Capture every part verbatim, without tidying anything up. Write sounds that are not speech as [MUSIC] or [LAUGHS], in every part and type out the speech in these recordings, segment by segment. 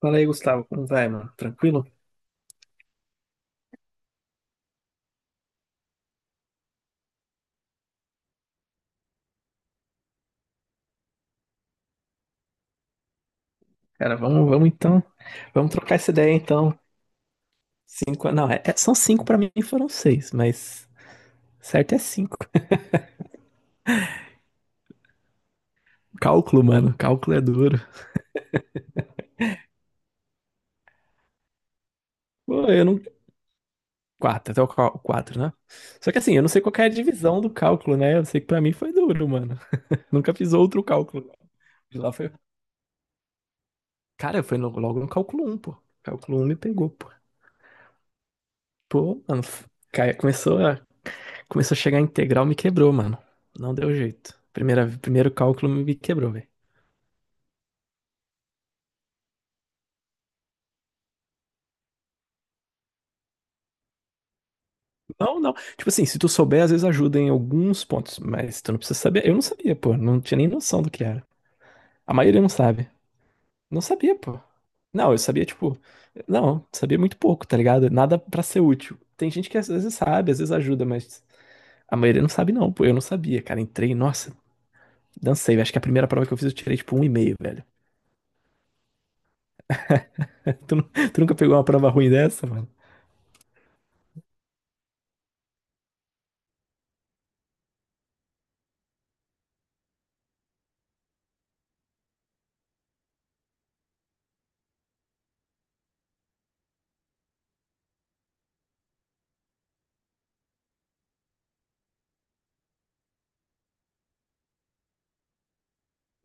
Fala aí, Gustavo, como vai, mano? Tranquilo? Cara, vamos, vamos então. Vamos trocar essa ideia então. Cinco, não, é- é- são cinco pra mim, foram seis, mas certo é cinco. [LAUGHS] Cálculo, mano, cálculo é duro. Pô, eu não. Quatro, até o cal- quatro, né? Só que assim, eu não sei qual que é a divisão do cálculo, né? Eu sei que pra mim foi duro, mano. [LAUGHS] Nunca fiz outro cálculo. De lá foi. Cara, foi no- logo no cálculo um, pô. Cálculo um me pegou, pô. Pô, mano, f- cai- começou a Começou a chegar a integral, me quebrou, mano. Não deu jeito. Primeira, primeiro cálculo me quebrou, velho. Não, não. Tipo assim, se tu souber, às vezes ajuda em alguns pontos, mas tu não precisa saber. Eu não sabia, pô. Não tinha nem noção do que era. A maioria não sabe. Não sabia, pô. Não, eu sabia, tipo. Não, sabia muito pouco, tá ligado? Nada pra ser útil. Tem gente que às vezes sabe, às vezes ajuda, mas a maioria não sabe, não, pô. Eu não sabia, cara. Entrei, nossa, dancei, velho. Acho que a primeira prova que eu fiz eu tirei, tipo, um e meio, velho. [LAUGHS] Tu, nu- tu nunca pegou uma prova ruim dessa, mano?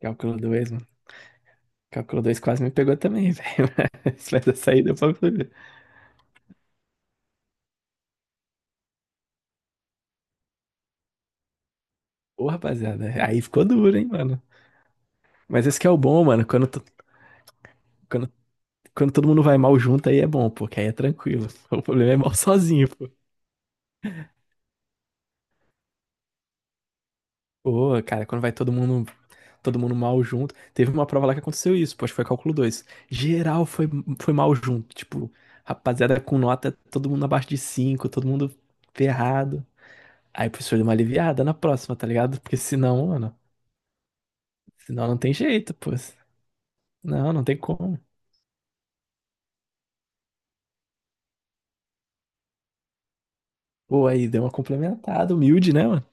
Cálculo dois, Calculo dois quase me pegou também, velho. [LAUGHS] Mas vai dar saída pra poder. Ô, rapaziada, aí ficou duro, hein, mano. Mas esse que é o bom, mano. Quando, to- quando, quando todo mundo vai mal junto, aí é bom, pô, que aí é tranquilo. [LAUGHS] O problema é mal sozinho, pô. Ô, cara, quando vai todo mundo, todo mundo mal junto. Teve uma prova lá que aconteceu isso, pô, acho que foi cálculo dois. Geral foi, foi mal junto. Tipo, rapaziada com nota, todo mundo abaixo de cinco, todo mundo ferrado. Aí o professor deu uma aliviada na próxima, tá ligado? Porque senão, mano, senão não tem jeito, pô. Não, não tem como. Pô, aí deu uma complementada, humilde, né, mano?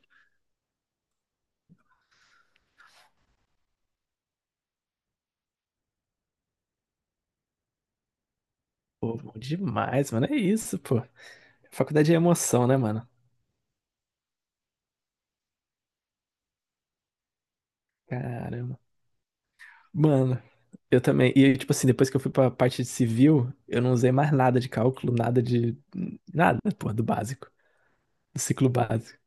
Pô, bom demais, mano. É isso, pô. Faculdade é emoção, né, mano? Caramba. Mano, eu também. E, tipo assim, depois que eu fui pra parte de civil, eu não usei mais nada de cálculo, nada de. Nada, pô, do básico. Do ciclo básico.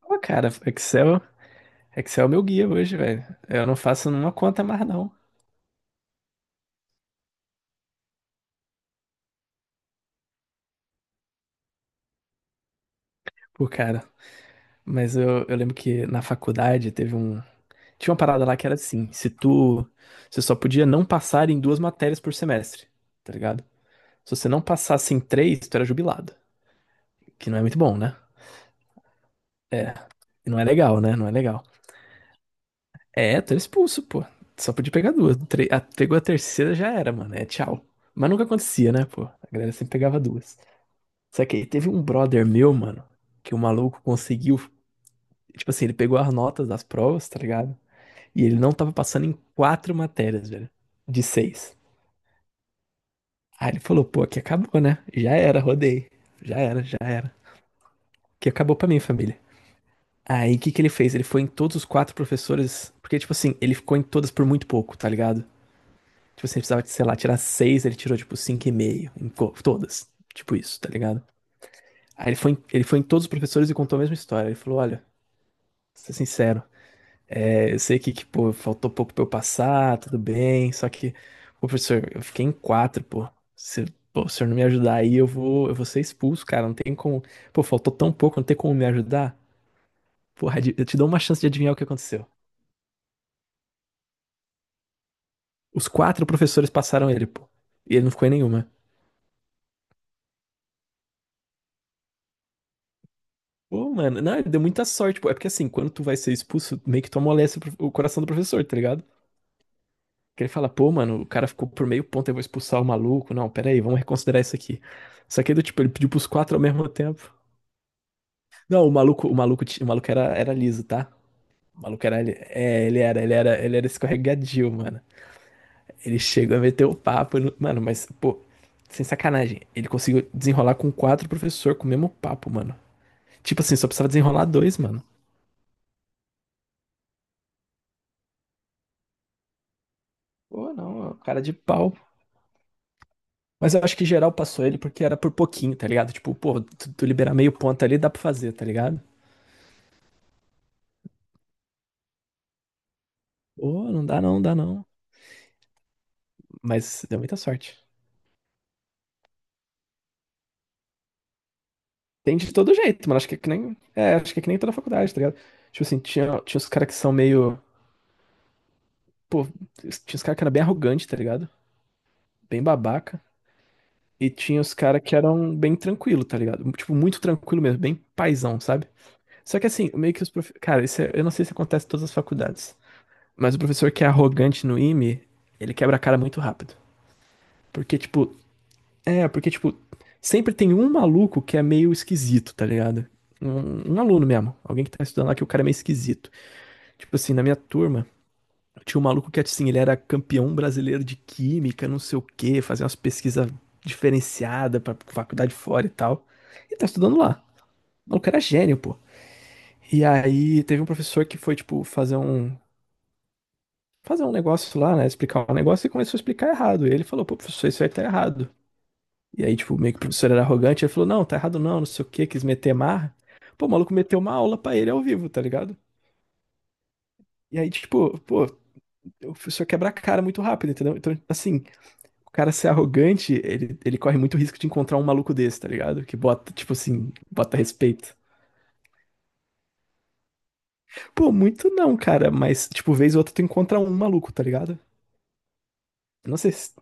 Pô, cara, Excel. Excel é o meu guia hoje, velho. Eu não faço nenhuma conta mais, não. Pô, cara. Mas eu, eu lembro que na faculdade teve um, tinha uma parada lá que era assim, se tu, você só podia não passar em duas matérias por semestre, tá ligado? Se você não passasse em três, tu era jubilado, que não é muito bom, né? É, e não é legal, né? Não é legal. É, tu era expulso, pô. Só podia pegar duas. Tre- a- pegou a terceira, já era, mano. É tchau. Mas nunca acontecia, né, pô? A galera sempre pegava duas. Só que aí teve um brother meu, mano, que o maluco conseguiu, tipo assim, ele pegou as notas das provas, tá ligado? E ele não tava passando em quatro matérias, velho, de seis. Aí ele falou, pô, aqui acabou, né? Já era, rodei. Já era, já era. Que acabou pra mim, família. Aí o que que ele fez? Ele foi em todos os quatro professores, porque, tipo assim, ele ficou em todas por muito pouco, tá ligado? Tipo assim, ele precisava, sei lá, tirar seis, ele tirou, tipo, cinco e meio, em co- todas. Tipo isso, tá ligado? Aí ele foi, em- ele foi em todos os professores e contou a mesma história. Ele falou, olha, pra ser sincero, é, eu sei que, que, pô, faltou pouco pra eu passar, tudo bem, só que, pô, professor, eu fiquei em quatro, pô. Se, pô, se o senhor não me ajudar aí, eu vou, eu vou ser expulso, cara. Não tem como. Pô, faltou tão pouco, não tem como me ajudar. Porra, adi- eu te dou uma chance de adivinhar o que aconteceu. Os quatro professores passaram ele, pô. E ele não ficou em nenhuma. Pô, mano, não, ele deu muita sorte, pô. É porque assim, quando tu vai ser expulso, meio que tu amolece o, pro- o coração do professor, tá ligado? Que ele fala, pô, mano, o cara ficou por meio ponto, eu vou expulsar o maluco. Não, pera aí, vamos reconsiderar isso aqui. Só que aí do tipo, ele pediu pros quatro ao mesmo tempo. Não, o maluco, o maluco, ti- o maluco era, era liso, tá? O maluco era, li- é, ele era, ele era, ele era escorregadio, mano. Ele chegou a meter o papo, no- mano, mas, pô, sem sacanagem, ele conseguiu desenrolar com quatro professor com o mesmo papo, mano. Tipo assim, só precisava desenrolar dois, mano. Pô, não, é um cara de pau. Mas eu acho que geral passou ele porque era por pouquinho, tá ligado? Tipo, pô, tu, tu liberar meio ponto ali, dá pra fazer, tá ligado? Ô, não dá não, dá não. Mas deu muita sorte. Tem de todo jeito, mano. Acho que é que nem. É, acho que é que nem toda faculdade, tá ligado? Tipo assim, tinha, tinha os caras que são meio. Pô, tinha os caras que eram bem arrogantes, tá ligado? Bem babaca. E tinha os caras que eram bem tranquilo, tá ligado? Tipo, muito tranquilo mesmo, bem paizão, sabe? Só que assim, meio que os prof... Cara, isso é- eu não sei se acontece em todas as faculdades. Mas o professor que é arrogante no I M E, ele quebra a cara muito rápido. Porque, tipo, É, porque, tipo, sempre tem um maluco que é meio esquisito, tá ligado? Um, um aluno mesmo, alguém que tá estudando lá que o cara é meio esquisito. Tipo assim, na minha turma, tinha um maluco que, assim, ele era campeão brasileiro de química, não sei o quê, fazia umas pesquisas diferenciadas pra faculdade fora e tal. E tá estudando lá. O maluco era gênio, pô. E aí teve um professor que foi, tipo, fazer um. Fazer um negócio lá, né? Explicar um negócio e começou a explicar errado. E ele falou, pô, professor, isso aí tá errado. E aí, tipo, meio que o professor era arrogante, ele falou, não, tá errado não, não sei o quê, quis meter marra. Pô, o maluco meteu uma aula pra ele ao vivo, tá ligado? E aí, tipo, pô, o professor quebra a cara muito rápido, entendeu? Então, assim, o cara ser arrogante, ele, ele corre muito risco de encontrar um maluco desse, tá ligado? Que bota, tipo assim, bota respeito. Pô, muito não, cara, mas, tipo, vez ou outra tu encontra um maluco, tá ligado? Não sei, se-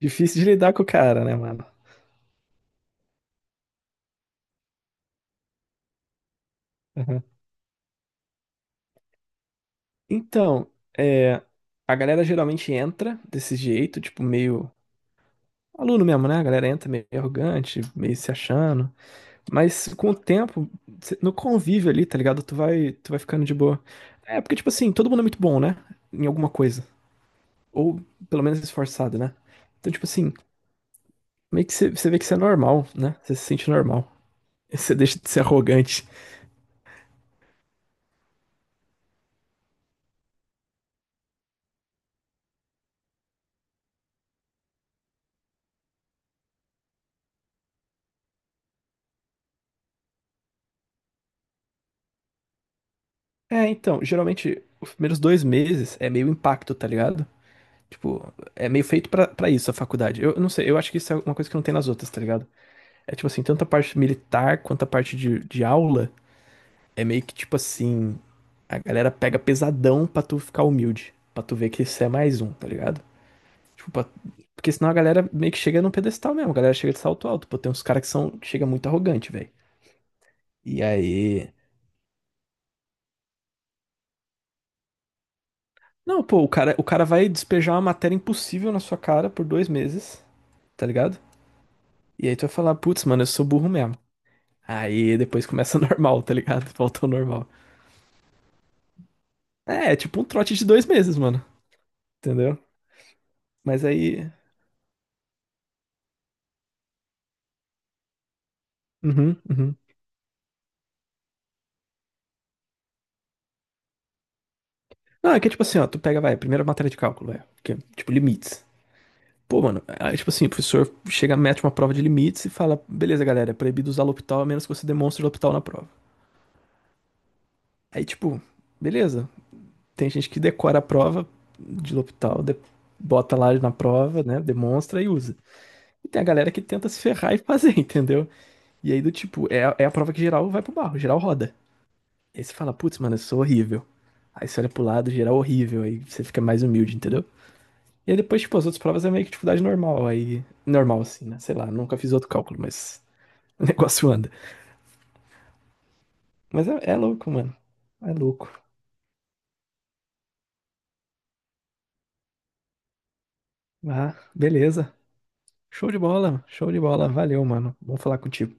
difícil de lidar com o cara, né, mano? Aham. Então, é, a galera geralmente entra desse jeito, tipo, meio aluno mesmo, né? A galera entra meio arrogante, meio se achando. Mas com o tempo, cê- no convívio ali, tá ligado? Tu vai, tu vai ficando de boa. É porque, tipo assim, todo mundo é muito bom, né? Em alguma coisa. Ou pelo menos esforçado, né? Então, tipo assim, meio que você vê que você é normal, né? Você se sente normal. [LAUGHS] Você deixa de ser arrogante. É, então, geralmente, os primeiros dois meses é meio impacto, tá ligado? Tipo, é meio feito pra, pra isso a faculdade. Eu, eu não sei, eu acho que isso é uma coisa que não tem nas outras, tá ligado? É tipo assim, tanto a parte militar quanto a parte de, de aula é meio que tipo assim, a galera pega pesadão pra tu ficar humilde, pra tu ver que isso é mais um, tá ligado? Tipo, pra- porque senão a galera meio que chega num pedestal mesmo, a galera chega de salto alto, pô, tem uns caras que são que chega muito arrogante, velho. E aí, não, pô, o cara, o cara vai despejar uma matéria impossível na sua cara por dois meses, tá ligado? E aí tu vai falar, putz, mano, eu sou burro mesmo. Aí depois começa [LAUGHS] normal, tá ligado? Volta ao normal. É, é tipo um trote de dois meses, mano. Entendeu? Mas aí. Uhum, uhum. Não, é que tipo assim, ó, tu pega, vai, primeira matéria de cálculo, vai, que é, tipo, limites. Pô, mano, aí, tipo assim, o professor chega, mete uma prova de limites e fala, beleza, galera, é proibido usar L'Hopital a menos que você demonstre L'Hopital na prova. Aí, tipo, beleza, tem gente que decora a prova de L'Hopital, de- bota lá na prova, né, demonstra e usa. E tem a galera que tenta se ferrar e [LAUGHS] fazer, entendeu? E aí, do tipo, é, a- é a prova que geral vai pro barro, geral roda. Aí você fala, putz, mano, eu sou horrível. Aí você olha pro lado, geral horrível, aí você fica mais humilde, entendeu? E aí depois, tipo, as outras provas é meio que dificuldade normal, aí... Normal, assim, né? Sei lá, nunca fiz outro cálculo, mas [LAUGHS] o negócio anda. Mas é, é louco, mano. É louco. Ah, beleza. Show de bola, show de bola. Valeu, mano. Bom falar contigo.